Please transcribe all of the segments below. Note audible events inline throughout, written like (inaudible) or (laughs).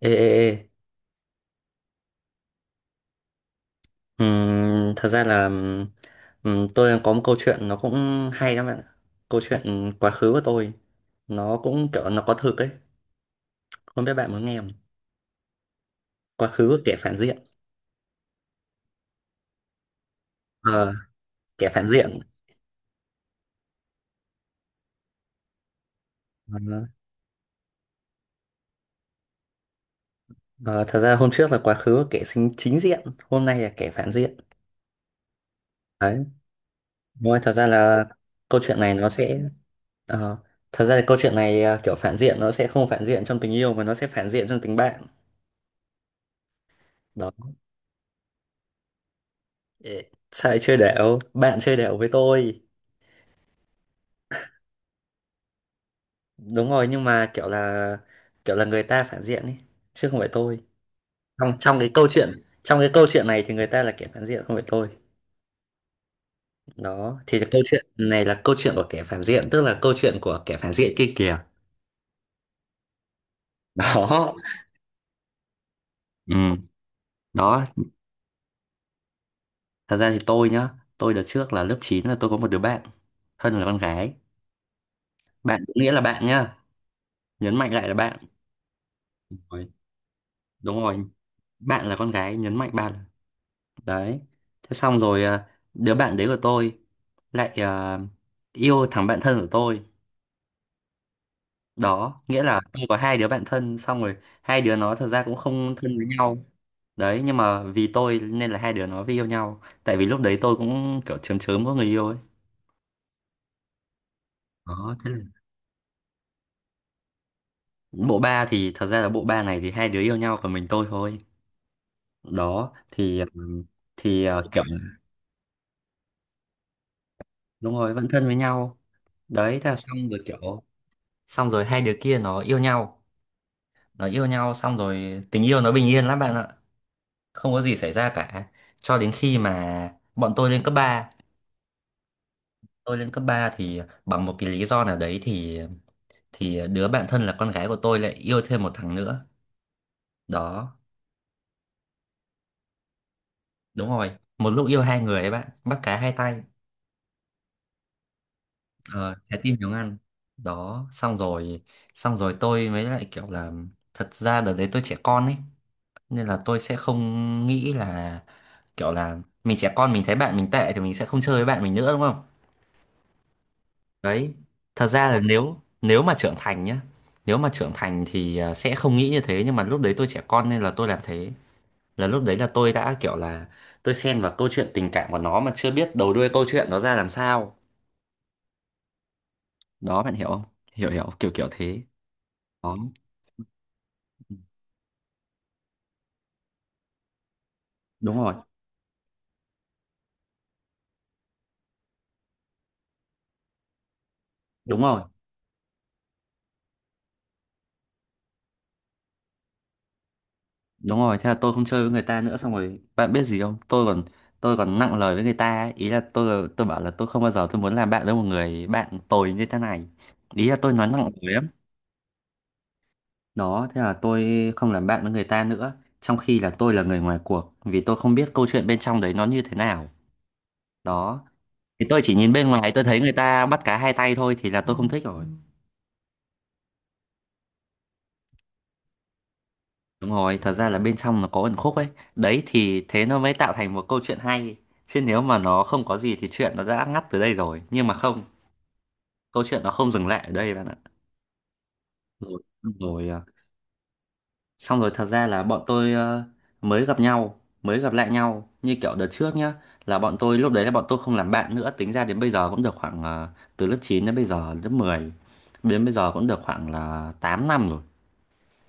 Ê, ê, ê. Thật ra là tôi có một câu chuyện nó cũng hay lắm bạn ạ. Câu chuyện quá khứ của tôi nó cũng kiểu nó có thực ấy, không biết bạn muốn nghe không. Quá khứ của kẻ phản diện. ờ, Kẻ phản diện. ờ, ờ, Thật ra hôm trước là quá khứ của kẻ chính chính diện, hôm nay là kẻ phản diện đấy. Đúng rồi, thật ra là câu chuyện này nó sẽ ờ, thật ra là câu chuyện này kiểu phản diện nó sẽ không phản diện trong tình yêu mà nó sẽ phản diện trong tình bạn. Đó. Sao lại chơi đểu bạn, chơi đểu với tôi? Đúng rồi, nhưng mà kiểu là người ta phản diện ấy chứ không phải tôi. Trong trong cái câu chuyện, trong cái câu chuyện này thì người ta là kẻ phản diện không phải tôi. Đó thì câu chuyện này là câu chuyện của kẻ phản diện, tức là câu chuyện của kẻ phản diện kia kìa. (laughs) Đó. Ừ. Đó, thật ra thì tôi nhá, tôi đợt trước là lớp 9 là tôi có một đứa bạn Hân là con gái. Bạn có nghĩa là bạn nhá, nhấn mạnh lại là bạn. Đúng rồi. Đúng rồi. Bạn là con gái, nhấn mạnh ba lần. Đấy, thế xong rồi đứa bạn đấy của tôi lại yêu thằng bạn thân của tôi. Đó, nghĩa là tôi có hai đứa bạn thân. Xong rồi hai đứa nó thật ra cũng không thân với nhau. Đấy, nhưng mà vì tôi nên là hai đứa nó mới yêu nhau, tại vì lúc đấy tôi cũng kiểu chớm chớm có người yêu ấy. Đó, thế là bộ ba thì thật ra là bộ ba này thì hai đứa yêu nhau còn mình tôi thôi. Đó thì kiểu đúng rồi vẫn thân với nhau. Đấy thế là xong rồi kiểu xong rồi hai đứa kia nó yêu nhau. Nó yêu nhau xong rồi tình yêu nó bình yên lắm bạn ạ, không có gì xảy ra cả cho đến khi mà bọn tôi lên cấp ba. Tôi lên cấp 3 thì bằng một cái lý do nào đấy thì đứa bạn thân là con gái của tôi lại yêu thêm một thằng nữa. Đó. Đúng rồi, một lúc yêu hai người ấy bạn, bắt cá hai tay. Ờ, Trái tim hiếu ăn. Đó, xong rồi tôi mới lại kiểu là thật ra đợt đấy tôi trẻ con ấy, nên là tôi sẽ không nghĩ là kiểu là mình trẻ con mình thấy bạn mình tệ thì mình sẽ không chơi với bạn mình nữa đúng không? Đấy, thật ra là nếu nếu mà trưởng thành nhá, nếu mà trưởng thành thì sẽ không nghĩ như thế, nhưng mà lúc đấy tôi trẻ con nên là tôi làm thế. Là lúc đấy là tôi đã kiểu là tôi xen vào câu chuyện tình cảm của nó mà chưa biết đầu đuôi câu chuyện nó ra làm sao. Đó, bạn hiểu không? Hiểu hiểu, kiểu kiểu thế. Đó. Đúng rồi, đúng rồi, đúng rồi, thế là tôi không chơi với người ta nữa. Xong rồi bạn biết gì không, tôi còn nặng lời với người ta ấy. Ý là tôi bảo là tôi không bao giờ tôi muốn làm bạn với một người bạn tồi như thế này. Ý là tôi nói nặng lời lắm. Đó, thế là tôi không làm bạn với người ta nữa, trong khi là tôi là người ngoài cuộc, vì tôi không biết câu chuyện bên trong đấy nó như thế nào. Đó, thì tôi chỉ nhìn bên ngoài tôi thấy người ta bắt cá hai tay thôi thì là tôi không thích rồi. Đúng rồi, thật ra là bên trong nó có ẩn khúc ấy. Đấy thì thế nó mới tạo thành một câu chuyện hay. Chứ nếu mà nó không có gì thì chuyện nó đã ngắt từ đây rồi. Nhưng mà không, câu chuyện nó không dừng lại ở đây bạn ạ. Rồi, rồi xong rồi thật ra là bọn tôi mới gặp nhau, mới gặp lại nhau như kiểu đợt trước nhá, là bọn tôi lúc đấy là bọn tôi không làm bạn nữa, tính ra đến bây giờ cũng được khoảng từ lớp 9 đến bây giờ lớp mười, đến bây giờ cũng được khoảng là 8 năm rồi.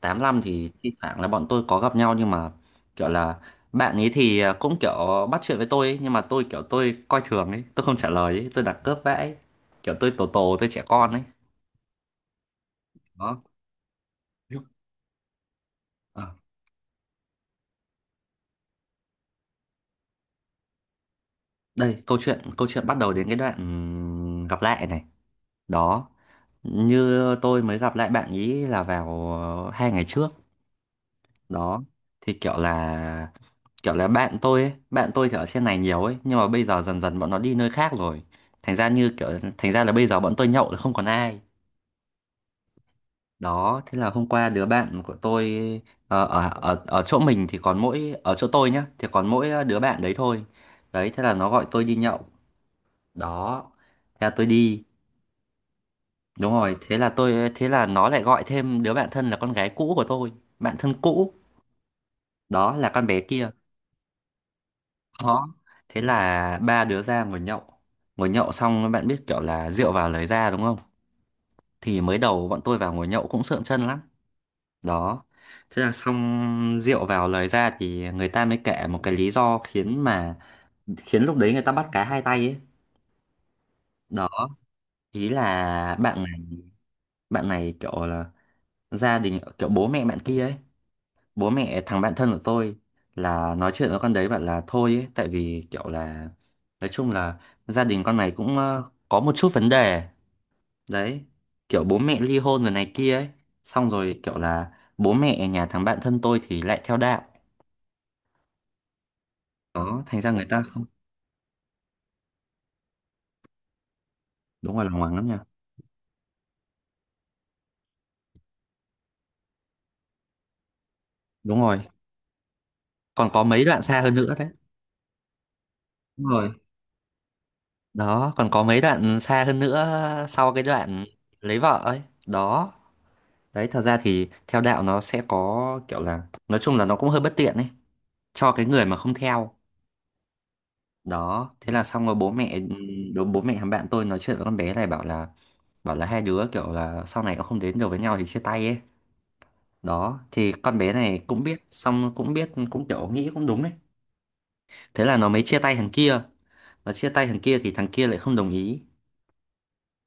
Tám năm thì thi thoảng là bọn tôi có gặp nhau, nhưng mà kiểu là bạn ấy thì cũng kiểu bắt chuyện với tôi ấy, nhưng mà tôi kiểu tôi coi thường ấy, tôi không trả lời ấy, tôi đặt cướp vãi. Kiểu tôi tổ tổ tôi trẻ con ấy. Đó. Ờ, đây câu chuyện bắt đầu đến cái đoạn gặp lại này. Đó, như tôi mới gặp lại bạn ý là vào hai ngày trước. Đó thì kiểu là bạn tôi ấy, bạn tôi thì ở trên này nhiều ấy, nhưng mà bây giờ dần dần bọn nó đi nơi khác rồi, thành ra như kiểu thành ra là bây giờ bọn tôi nhậu là không còn ai. Đó, thế là hôm qua đứa bạn của tôi ở ở ở chỗ mình thì còn mỗi ở chỗ tôi nhá, thì còn mỗi đứa bạn đấy thôi. Đấy thế là nó gọi tôi đi nhậu. Đó, thế là tôi đi. Đúng rồi, thế là nó lại gọi thêm đứa bạn thân là con gái cũ của tôi, bạn thân cũ, đó là con bé kia. Đó. Thế là ba đứa ra ngồi nhậu. Ngồi nhậu xong bạn biết kiểu là rượu vào lời ra đúng không? Thì mới đầu bọn tôi vào ngồi nhậu cũng sượng chân lắm. Đó. Thế là xong rượu vào lời ra thì người ta mới kể một cái lý do khiến lúc đấy người ta bắt cá hai tay ấy. Đó, ý là bạn này kiểu là gia đình kiểu bố mẹ bạn kia ấy, bố mẹ thằng bạn thân của tôi là nói chuyện với con đấy bảo là thôi ấy, tại vì kiểu là nói chung là gia đình con này cũng có một chút vấn đề. Đấy kiểu bố mẹ ly hôn rồi này kia ấy, xong rồi kiểu là bố mẹ nhà thằng bạn thân tôi thì lại theo đạo. Đó thành ra người ta không đúng rồi, là hoàng lắm nha. Đúng rồi, còn có mấy đoạn xa hơn nữa đấy. Đúng rồi. Đó còn có mấy đoạn xa hơn nữa sau cái đoạn lấy vợ ấy. Đó. Đấy, thật ra thì theo đạo nó sẽ có kiểu là nói chung là nó cũng hơi bất tiện ấy cho cái người mà không theo. Đó, thế là xong rồi bố mẹ đố bố mẹ thằng bạn tôi nói chuyện với con bé này bảo là hai đứa kiểu là sau này nó không đến được với nhau thì chia tay ấy. Đó, thì con bé này cũng biết, xong cũng biết cũng kiểu nghĩ cũng đúng ấy. Thế là nó mới chia tay thằng kia. Nó chia tay thằng kia thì thằng kia lại không đồng ý.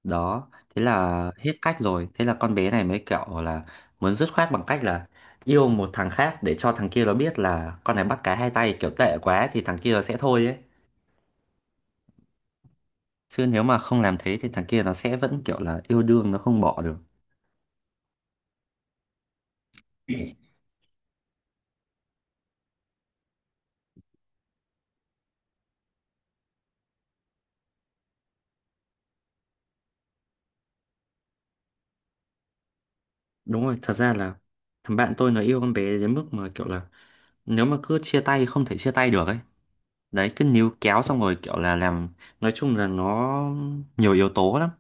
Đó thế là hết cách rồi, thế là con bé này mới kiểu là muốn dứt khoát bằng cách là yêu một thằng khác, để cho thằng kia nó biết là con này bắt cá hai tay kiểu tệ quá thì thằng kia nó sẽ thôi ấy, chứ nếu mà không làm thế thì thằng kia nó sẽ vẫn kiểu là yêu đương nó không bỏ được. (clears throat) Đúng rồi, thật ra là thằng bạn tôi nó yêu con bé đến mức mà kiểu là nếu mà cứ chia tay không thể chia tay được ấy, đấy cứ níu kéo xong rồi kiểu là làm nói chung là nó nhiều yếu tố lắm,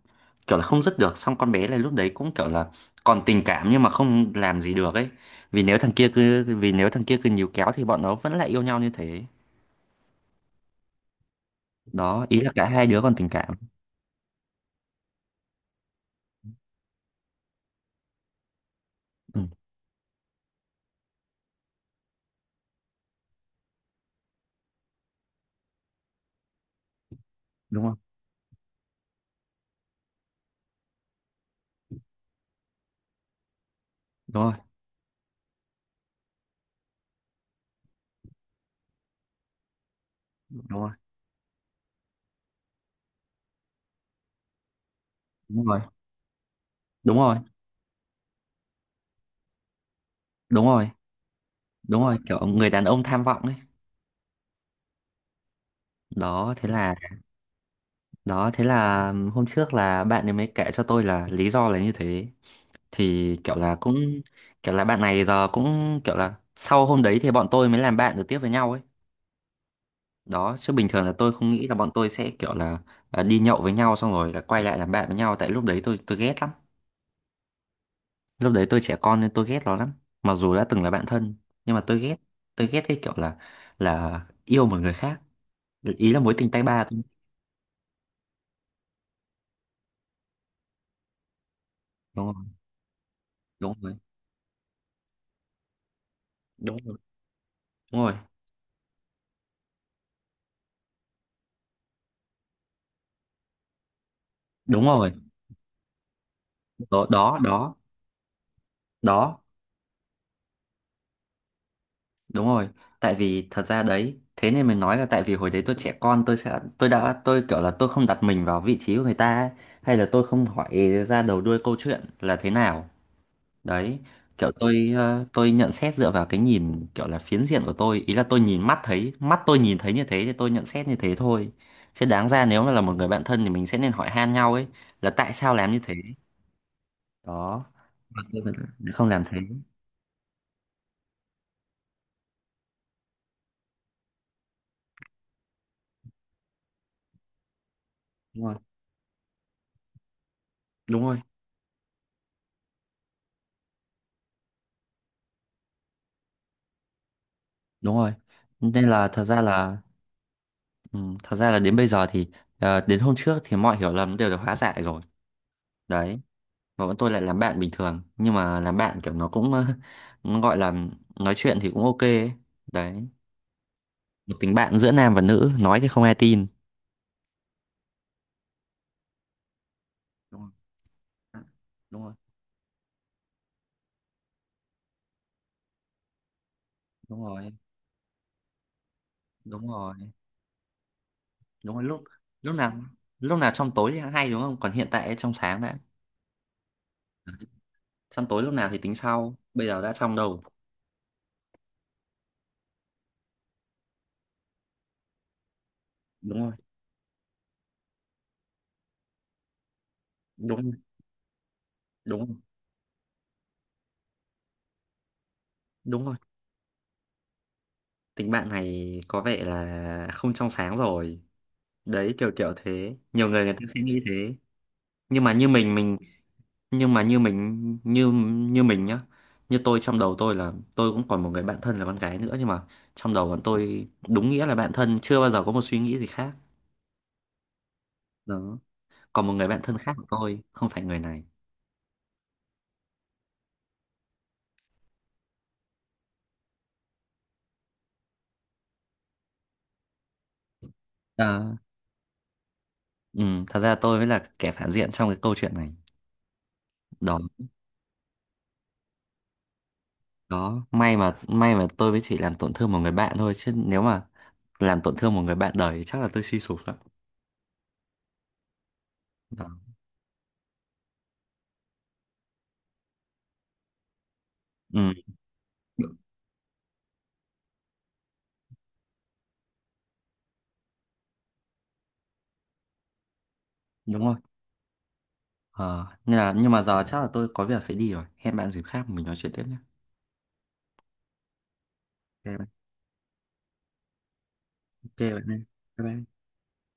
kiểu là không dứt được. Xong con bé này lúc đấy cũng kiểu là còn tình cảm nhưng mà không làm gì được ấy, vì nếu thằng kia cứ níu kéo thì bọn nó vẫn lại yêu nhau như thế. Đó ý là cả hai đứa còn tình cảm. Ừ, đúng không? Đúng rồi, đúng rồi, đúng rồi, đúng rồi, đúng rồi, đúng rồi, kiểu người đàn ông tham vọng ấy. Đó thế là hôm trước là bạn ấy mới kể cho tôi là lý do là như thế, thì kiểu là cũng kiểu là bạn này giờ cũng kiểu là sau hôm đấy thì bọn tôi mới làm bạn được tiếp với nhau ấy. Đó, chứ bình thường là tôi không nghĩ là bọn tôi sẽ kiểu là đi nhậu với nhau xong rồi là quay lại làm bạn với nhau, tại lúc đấy tôi ghét lắm. Lúc đấy tôi trẻ con nên tôi ghét nó lắm, mặc dù đã từng là bạn thân nhưng mà tôi ghét cái kiểu là yêu một người khác, ý là mối tình tay ba thôi. Đúng rồi, đúng rồi, đúng rồi, đúng rồi, đúng rồi. Đó, đó, đó, đó. Đúng rồi, tại vì thật ra đấy, thế nên mình nói là tại vì hồi đấy tôi trẻ con tôi kiểu là tôi không đặt mình vào vị trí của người ta ấy, hay là tôi không hỏi ra đầu đuôi câu chuyện là thế nào. Đấy, kiểu tôi tôi nhận xét dựa vào cái nhìn kiểu là phiến diện của tôi, ý là tôi nhìn mắt thấy, mắt tôi nhìn thấy như thế thì tôi nhận xét như thế thôi. Chứ đáng ra nếu mà là một người bạn thân thì mình sẽ nên hỏi han nhau ấy là tại sao làm như thế. Đó, mà tôi vẫn không làm thế. Đúng rồi, đúng rồi, đúng rồi. Nên là thật ra là ừ, thật ra là đến bây giờ thì đến hôm trước thì mọi hiểu lầm đều được hóa giải rồi đấy. Và bọn tôi lại làm bạn bình thường, nhưng mà làm bạn kiểu nó cũng (laughs) nó gọi là nói chuyện thì cũng ok ấy. Đấy. Một tình bạn giữa nam và nữ nói thì không ai tin. Đúng rồi, đúng rồi, đúng rồi, đúng rồi, đúng rồi, lúc lúc nào lúc nào trong tối thì hay đúng không, còn hiện tại trong sáng đã. Đấy, trong tối lúc nào thì tính sau, bây giờ đã trong đầu. Đúng rồi, đúng rồi, đúng rồi, đúng rồi. Tình bạn này có vẻ là không trong sáng rồi. Đấy kiểu kiểu thế, nhiều người người ta ừ, sẽ nghĩ thế. Nhưng mà như mình nhưng mà như mình như như mình nhá, như tôi trong đầu tôi là tôi cũng còn một người bạn thân là con gái nữa, nhưng mà trong đầu bọn tôi đúng nghĩa là bạn thân, chưa bao giờ có một suy nghĩ gì khác. Đó, còn một người bạn thân khác của tôi không phải người này. Ờ, ừ, thật ra tôi mới là kẻ phản diện trong cái câu chuyện này. Đó, đó, may mà tôi mới chỉ làm tổn thương một người bạn thôi, chứ nếu mà làm tổn thương một người bạn đời thì chắc là tôi suy sụp lắm. Đó. Ừ. Đúng rồi. Ờ, nhưng mà giờ chắc là tôi có việc phải đi rồi. Hẹn bạn dịp khác mình nói chuyện tiếp nhé. Ok bạn, ok bạn nha. Bye bye.